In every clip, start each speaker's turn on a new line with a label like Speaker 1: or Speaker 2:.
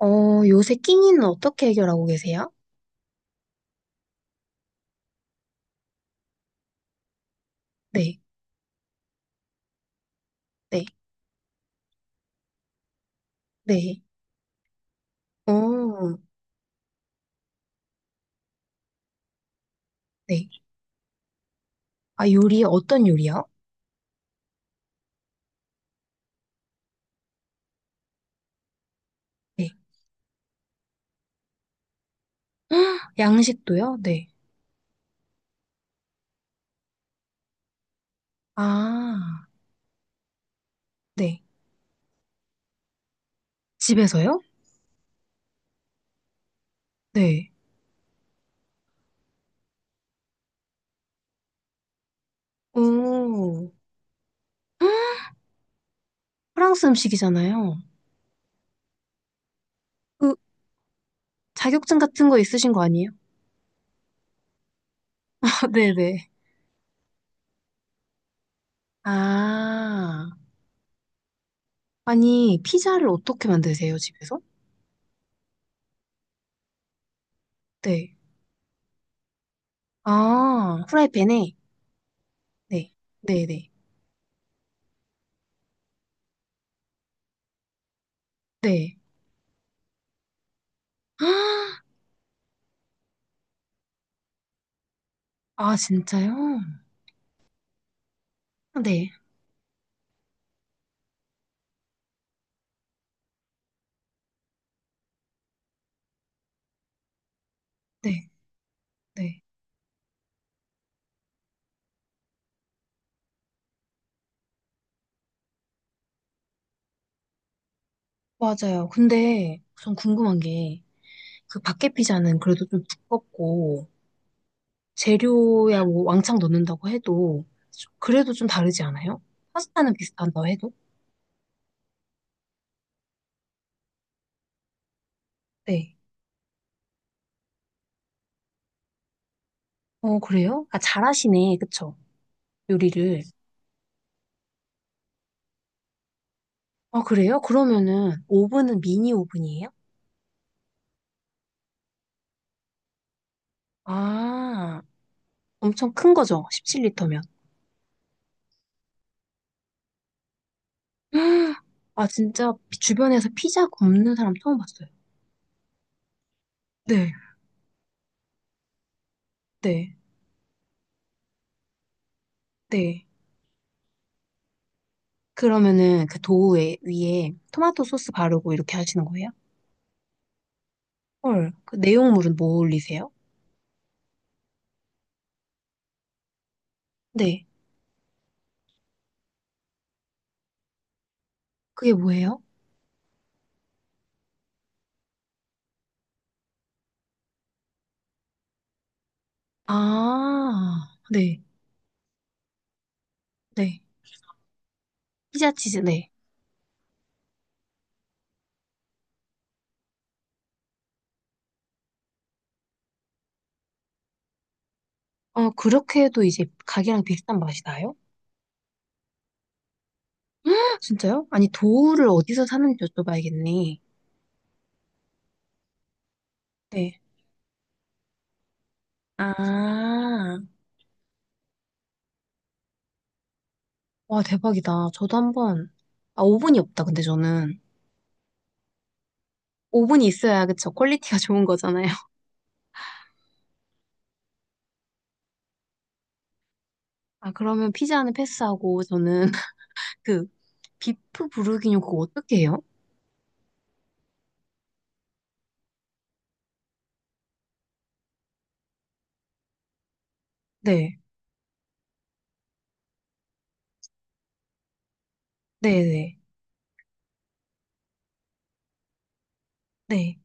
Speaker 1: 요새 끼니는 어떻게 해결하고 계세요? 네, 네, 네. 어, 네. 아, 요리, 어떤 요리요? 네. 양식도요? 네. 아, 네. 집에서요? 네. 오, 프랑스 음식이잖아요. 그, 자격증 같은 거 있으신 거 아니에요? 네네. 아, 아니, 피자를 어떻게 만드세요, 집에서? 네. 아, 프라이팬에? 네. 네네. 네. 아, 아, 진짜요? 네. 네, 네. 맞아요. 근데 전 궁금한 게, 그 밖에 피자는 그래도 좀 두껍고, 재료야 뭐 왕창 넣는다고 해도, 그래도 좀 다르지 않아요? 파스타는 비슷한다고 해도? 네. 그래요? 아, 잘하시네. 그쵸? 요리를. 아, 그래요? 그러면은, 오븐은 미니 오븐이에요? 아, 엄청 큰 거죠? 17리터면. 아, 진짜 주변에서 피자 굽는 사람 처음 봤어요. 네, 네, 네. 그러면은 그 도우 위에 토마토 소스 바르고 이렇게 하시는 거예요? 헐, 그 내용물은 뭐 올리세요? 네, 그게 뭐예요? 아, 네, 네. 피자 치즈, 네. 그렇게 해도 이제 가게랑 비슷한 맛이 나요? 진짜요? 아니, 도우를 어디서 사는지 여쭤봐야겠네. 네. 아, 와, 대박이다. 저도 한번, 아, 오븐이 없다, 근데 저는. 오븐이 있어야, 그쵸? 퀄리티가 좋은 거잖아요. 아, 그러면 피자는 패스하고, 저는 그 비프 부르기뇨 그거 어떻게 해요? 네, 네, 네, 네,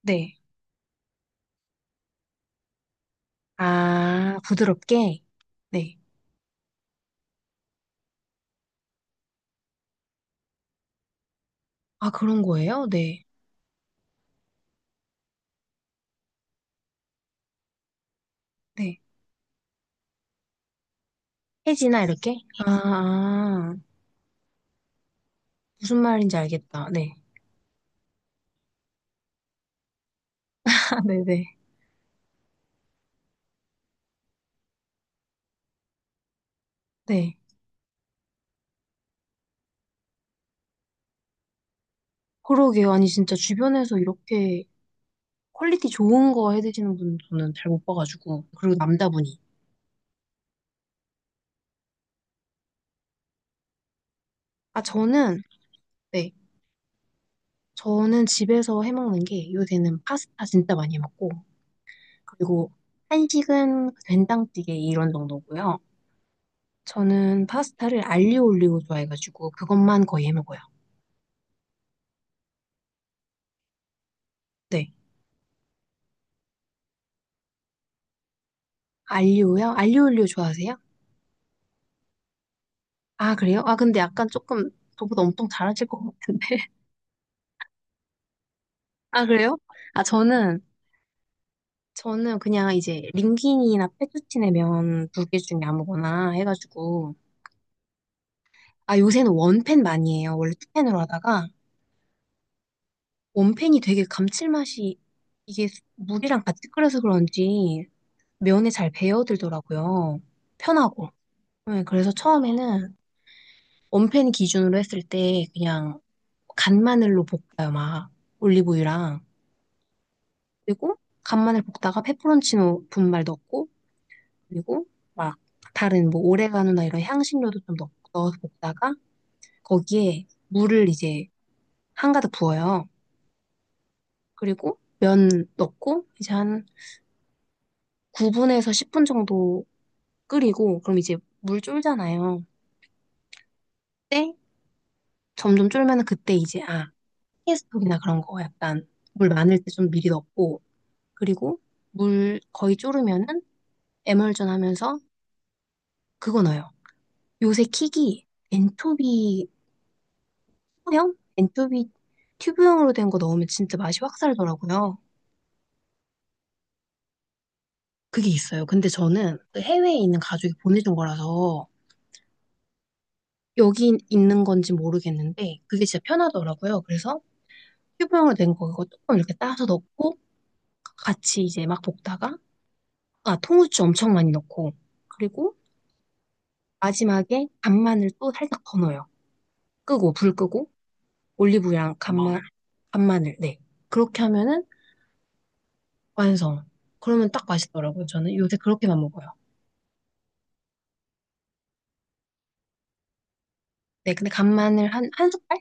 Speaker 1: 네. 아, 부드럽게? 네. 아, 그런 거예요? 네. 네. 해지나 이렇게? 아, 아, 무슨 말인지 알겠다. 네. 아, 네, 네, 네. 그러게요. 아니, 진짜 주변에서 이렇게 퀄리티 좋은 거 해드시는 분 저는 잘 못 봐가지고. 그리고 남자분이. 아, 저는, 네. 저는 집에서 해먹는 게 요새는 파스타 진짜 많이 해 먹고, 그리고 한식은 된장찌개 이런 정도고요. 저는 파스타를 알리오 올리오 좋아해가지고 그것만 거의 해먹어요. 네. 알리오요? 알리오 올리오 좋아하세요? 아, 그래요? 아, 근데 약간 조금 저보다 엄청 잘하실 것 같은데. 아, 그래요? 아, 저는 그냥 이제 링귀니나 페투치네 면 2개 중에 아무거나 해가지고. 아, 요새는 원팬 많이 해요. 원래 투팬으로 하다가 원팬이 되게 감칠맛이 이게 물이랑 같이 끓여서 그런지 면에 잘 배어들더라고요. 편하고. 네, 그래서 처음에는 원팬 기준으로 했을 때 그냥 간마늘로 볶아요, 막. 올리브유랑. 그리고 간마늘 볶다가 페퍼론치노 분말 넣고, 그리고 막 다른 뭐 오레가노나 이런 향신료도 좀 넣어서 볶다가 거기에 물을 이제 한가득 부어요. 그리고 면 넣고 이제 한 9분에서 10분 정도 끓이고, 그럼 이제 물 쫄잖아요. 그때 점점 쫄면 그때 이제 피스톡이나 그런 거 약간 물 많을 때 좀 미리 넣고 그리고 물 거의 졸으면은 에멀전 하면서 그거 넣어요. 요새 킥이 엔초비 소형? 엔초비 튜브형으로 된 거 넣으면 진짜 맛이 확 살더라고요. 그게 있어요. 근데 저는 그 해외에 있는 가족이 보내준 거라서 여기 있는 건지 모르겠는데 그게 진짜 편하더라고요. 그래서 튜브형으로 된 거 그거 조금 이렇게 따서 넣고 같이 이제 막 볶다가 통후추 엄청 많이 넣고 그리고 마지막에 간마늘 또 살짝 더 넣어요. 끄고, 불 끄고, 올리브유랑 간마늘, 네. 그렇게 하면은 완성. 그러면 딱 맛있더라고요. 저는 요새 그렇게만 먹어요. 네, 근데 간마늘 한 숟갈?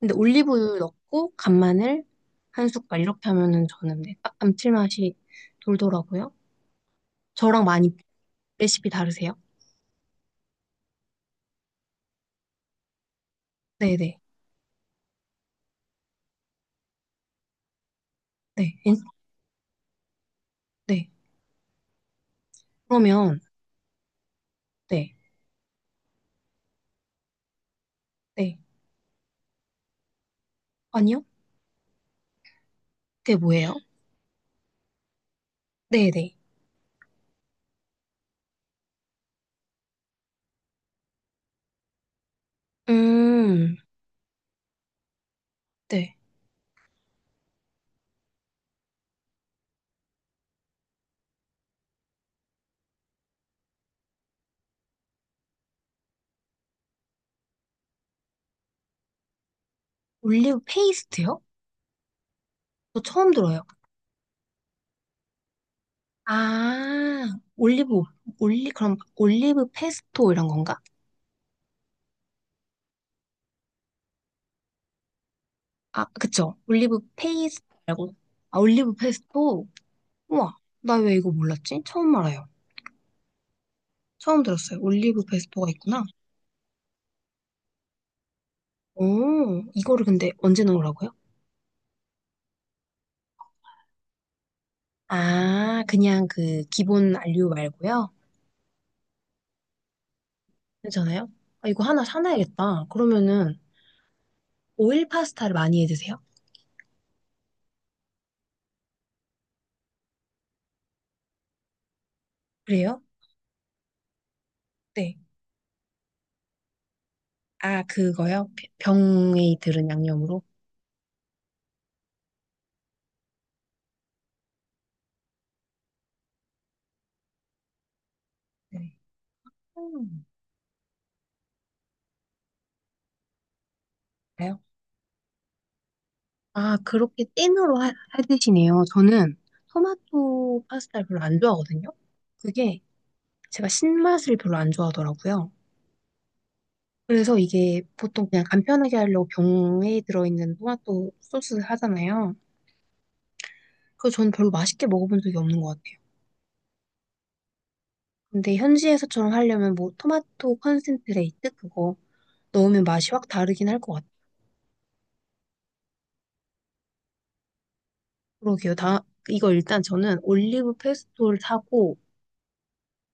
Speaker 1: 근데 올리브유 넣고, 간마늘 1숟갈. 이렇게 하면은 저는 네, 딱 감칠맛이 돌더라고요. 저랑 많이 레시피 다르세요? 네네. 네. 네, 네. 그러면, 네. 네. 아니요? 그게 뭐예요? 네네. 음, 네. 올리브 페이스트요? 저 처음 들어요. 아, 올리브, 그럼 올리브 페스토 이런 건가? 아, 그쵸. 올리브 페이스토 말고. 아, 올리브 페스토? 우와, 나 왜 이거 몰랐지? 처음 알아요. 처음 들었어요. 올리브 페스토가 있구나. 오, 이거를 근데 언제 넣으라고요? 아, 그냥 그 기본 알류 말고요. 괜찮아요? 아, 이거 하나 사놔야겠다. 그러면은 오일 파스타를 많이 해 드세요? 그래요? 네. 아, 그거요? 병- 병에 들은 양념으로? 네. 음. 가요? 아, 그렇게 찐으로 하시네요. 저는 토마토 파스타를 별로 안 좋아하거든요. 그게 제가 신맛을 별로 안 좋아하더라고요. 그래서 이게 보통 그냥 간편하게 하려고 병에 들어있는 토마토 소스 하잖아요. 그래서 저는 별로 맛있게 먹어본 적이 없는 것 같아요. 근데 현지에서처럼 하려면 뭐 토마토 컨센트레이트 그거 넣으면 맛이 확 다르긴 할 것 같아요. 그러게요. 이거 일단 저는 올리브 페스토를 사고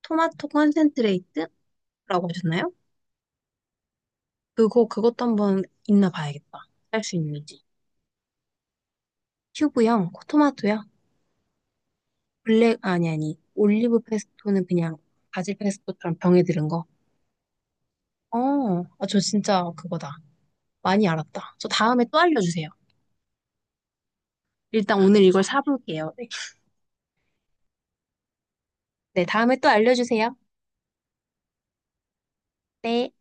Speaker 1: 토마토 컨센트레이트라고 하셨나요? 그거 그것도 한번 있나 봐야겠다. 할 수 있는지. 큐브형, 토마토요? 아니, 아니. 올리브 페스토는 그냥 바질 페스토처럼 병에 들은 거. 어, 저 진짜 그거다. 많이 알았다. 저 다음에 또 알려주세요. 일단 오늘 이걸 사볼게요. 네, 다음에 또 알려주세요. 네.